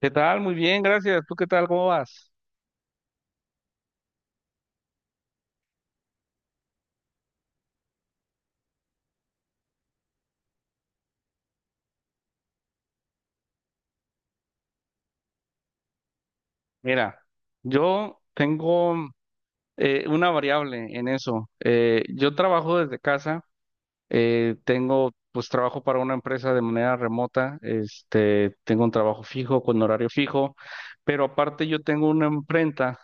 ¿Qué tal? Muy bien, gracias. ¿Tú qué tal? ¿Cómo vas? Mira, yo tengo una variable en eso. Yo trabajo desde casa. Tengo, pues trabajo para una empresa de manera remota. Este, tengo un trabajo fijo, con horario fijo, pero aparte yo tengo una imprenta,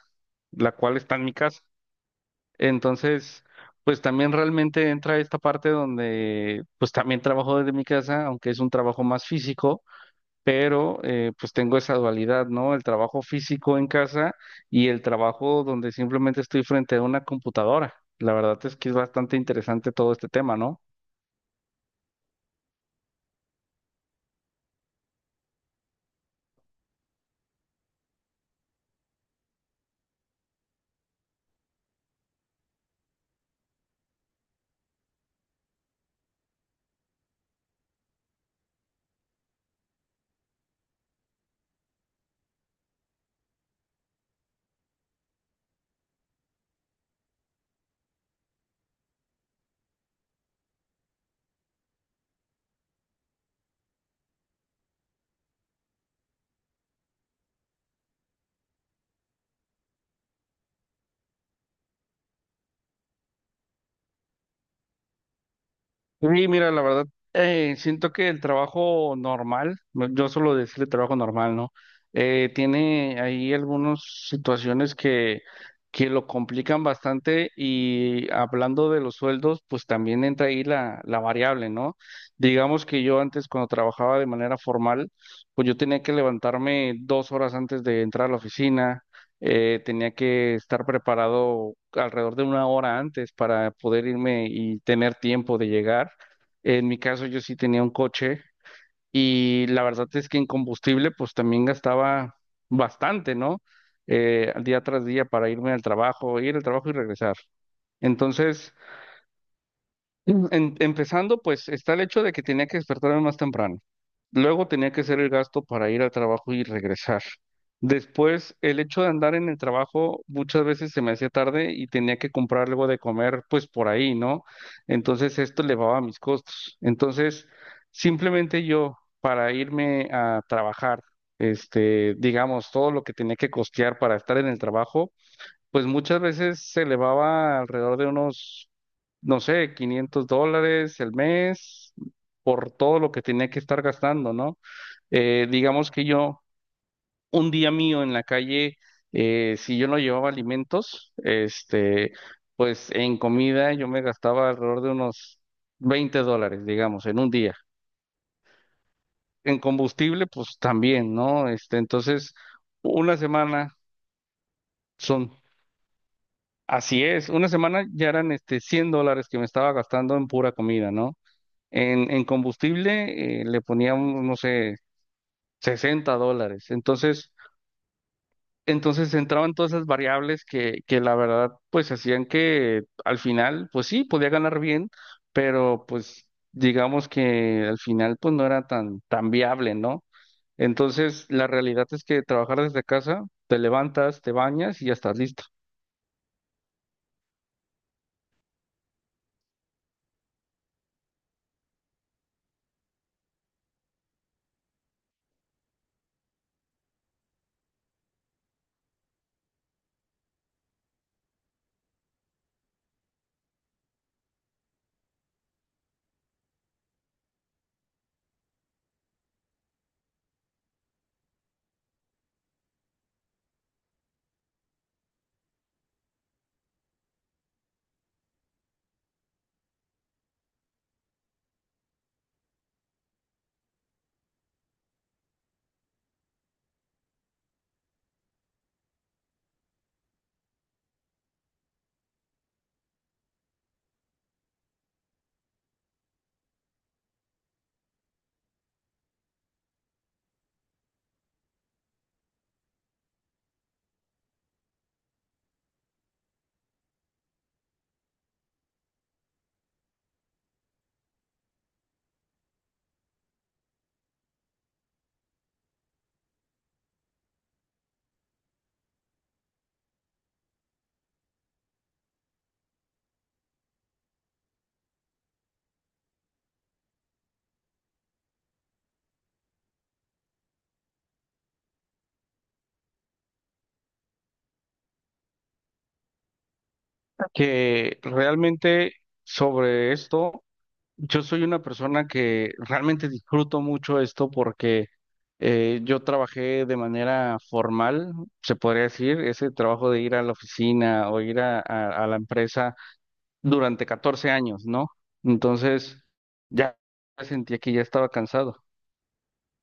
la cual está en mi casa. Entonces, pues también realmente entra esta parte donde, pues también trabajo desde mi casa, aunque es un trabajo más físico, pero pues tengo esa dualidad, ¿no? El trabajo físico en casa y el trabajo donde simplemente estoy frente a una computadora. La verdad es que es bastante interesante todo este tema, ¿no? Sí, mira, la verdad, siento que el trabajo normal, yo suelo decirle trabajo normal, ¿no? Tiene ahí algunas situaciones que lo complican bastante, y hablando de los sueldos, pues también entra ahí la variable, ¿no? Digamos que yo antes, cuando trabajaba de manera formal, pues yo tenía que levantarme dos horas antes de entrar a la oficina. Tenía que estar preparado alrededor de una hora antes para poder irme y tener tiempo de llegar. En mi caso, yo sí tenía un coche y la verdad es que en combustible pues también gastaba bastante, ¿no? Día tras día para irme al trabajo, ir al trabajo y regresar. Entonces, empezando, pues está el hecho de que tenía que despertarme más temprano. Luego tenía que hacer el gasto para ir al trabajo y regresar. Después, el hecho de andar en el trabajo, muchas veces se me hacía tarde y tenía que comprar algo de comer, pues por ahí, ¿no? Entonces esto elevaba mis costos. Entonces, simplemente yo para irme a trabajar, este, digamos, todo lo que tenía que costear para estar en el trabajo pues muchas veces se elevaba alrededor de unos, no sé, 500 dólares el mes por todo lo que tenía que estar gastando, ¿no? Digamos que yo, un día mío en la calle, si yo no llevaba alimentos, este, pues en comida yo me gastaba alrededor de unos 20 dólares, digamos, en un día. En combustible, pues también, ¿no? Este, entonces, una semana son Así es, una semana ya eran este 100 dólares que me estaba gastando en pura comida, ¿no? En combustible le poníamos, no sé, 60 dólares. Entonces entraban todas esas variables que la verdad pues hacían que al final, pues sí, podía ganar bien, pero pues digamos que al final, pues no era tan viable, ¿no? Entonces, la realidad es que trabajar desde casa, te levantas, te bañas y ya estás listo, que realmente sobre esto, yo soy una persona que realmente disfruto mucho esto porque yo trabajé de manera formal, se podría decir, ese trabajo de ir a la oficina o ir a la empresa durante 14 años, ¿no? Entonces, ya sentía que ya estaba cansado.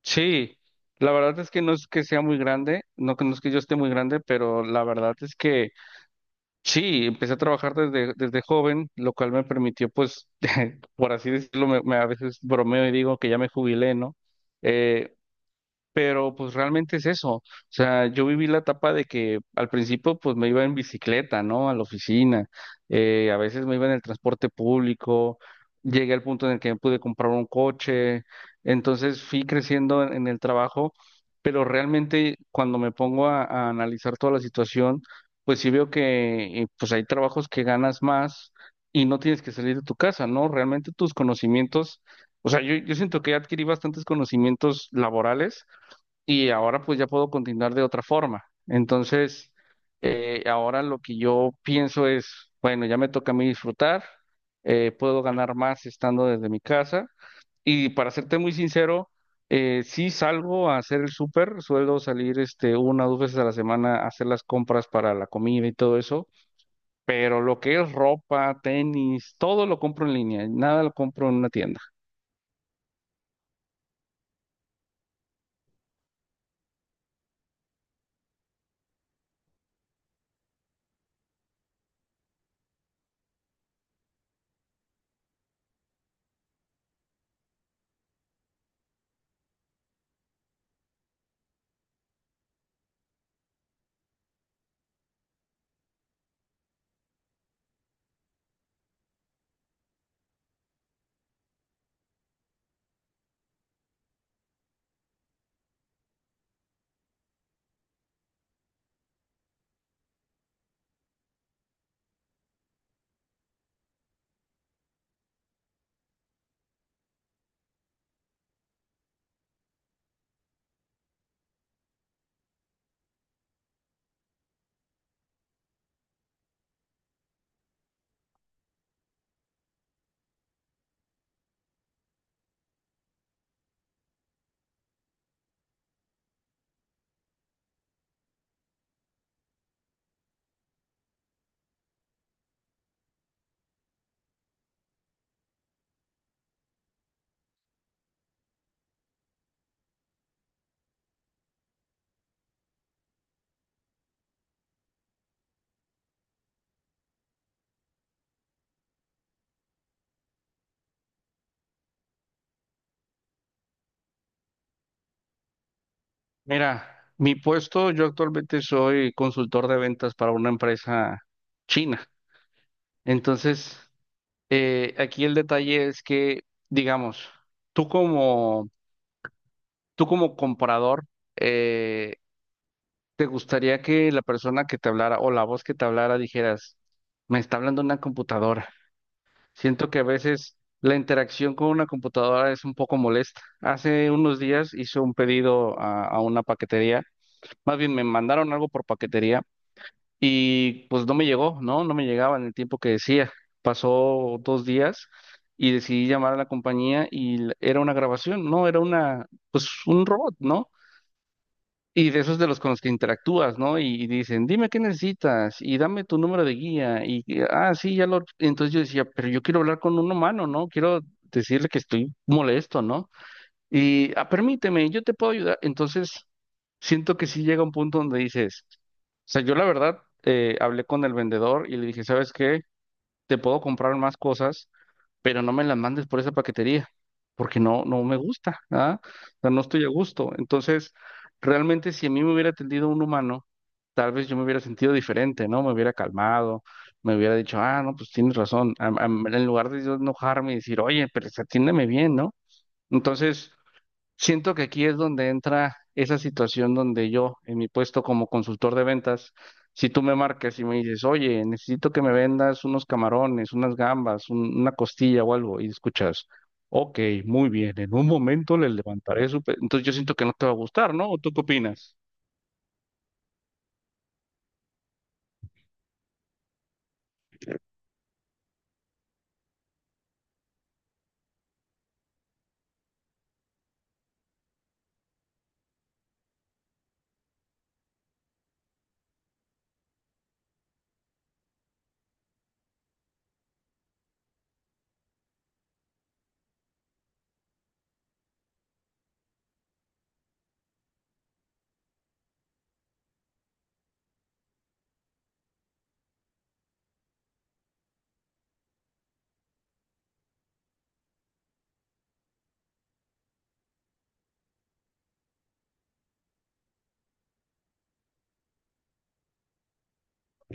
Sí, la verdad es que no es que sea muy grande, no, no es que yo esté muy grande, pero la verdad es que... Sí, empecé a trabajar desde, desde joven, lo cual me permitió, pues, por así decirlo, me a veces bromeo y digo que ya me jubilé, ¿no? Eh, pero pues realmente es eso. O sea, yo viví la etapa de que al principio pues me iba en bicicleta, ¿no? A la oficina. A veces me iba en el transporte público. Llegué al punto en el que me pude comprar un coche. Entonces fui creciendo en el trabajo. Pero realmente cuando me pongo a analizar toda la situación, pues sí veo que pues hay trabajos que ganas más y no tienes que salir de tu casa, ¿no? Realmente tus conocimientos... O sea, yo siento que adquirí bastantes conocimientos laborales y ahora pues ya puedo continuar de otra forma. Entonces, ahora lo que yo pienso es, bueno, ya me toca a mí disfrutar. Puedo ganar más estando desde mi casa y, para serte muy sincero, sí salgo a hacer el súper, suelo salir este, una o dos veces a la semana a hacer las compras para la comida y todo eso, pero lo que es ropa, tenis, todo lo compro en línea, nada lo compro en una tienda. Mira, mi puesto, yo actualmente soy consultor de ventas para una empresa china. Entonces, aquí el detalle es que, digamos, tú como, tú como comprador, eh, te gustaría que la persona que te hablara o la voz que te hablara dijeras, me está hablando una computadora. Siento que a veces la interacción con una computadora es un poco molesta. Hace unos días hice un pedido a una paquetería, más bien me mandaron algo por paquetería. Y pues no me llegó, ¿no? No me llegaba en el tiempo que decía. Pasó dos días y decidí llamar a la compañía y era una grabación, ¿no? Era una, pues un robot, ¿no? Y de esos de los con los que interactúas, ¿no? Y dicen, dime qué necesitas y dame tu número de guía. Y, que, ah, sí, ya lo... Entonces yo decía, pero yo quiero hablar con un humano, ¿no? Quiero decirle que estoy molesto, ¿no? Y "Ah, permíteme, yo te puedo ayudar". Entonces, siento que sí llega un punto donde dices, o sea, yo la verdad hablé con el vendedor y le dije, ¿sabes qué? Te puedo comprar más cosas, pero no me las mandes por esa paquetería, porque no, no me gusta, ¿ah? O sea, no estoy a gusto. Entonces, realmente si a mí me hubiera atendido un humano, tal vez yo me hubiera sentido diferente, ¿no? Me hubiera calmado, me hubiera dicho, ah, no, pues tienes razón. En lugar de yo enojarme y decir, oye, pero pues atiéndeme bien, ¿no? Entonces... Siento que aquí es donde entra esa situación donde yo, en mi puesto como consultor de ventas, si tú me marcas y me dices, oye, necesito que me vendas unos camarones, unas gambas, una costilla o algo, y escuchas, ok, muy bien, en un momento le levantaré su... pe-. Entonces yo siento que no te va a gustar, ¿no? ¿O tú qué opinas?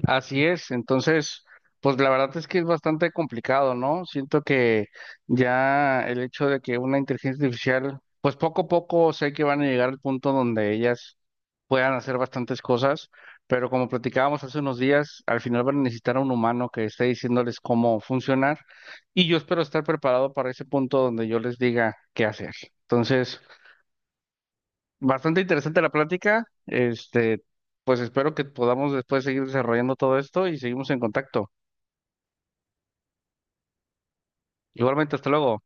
Así es, entonces, pues la verdad es que es bastante complicado, ¿no? Siento que ya el hecho de que una inteligencia artificial, pues poco a poco sé que van a llegar al punto donde ellas puedan hacer bastantes cosas, pero como platicábamos hace unos días, al final van a necesitar a un humano que esté diciéndoles cómo funcionar, y yo espero estar preparado para ese punto donde yo les diga qué hacer. Entonces, bastante interesante la plática. Este, pues espero que podamos después seguir desarrollando todo esto y seguimos en contacto. Igualmente, hasta luego.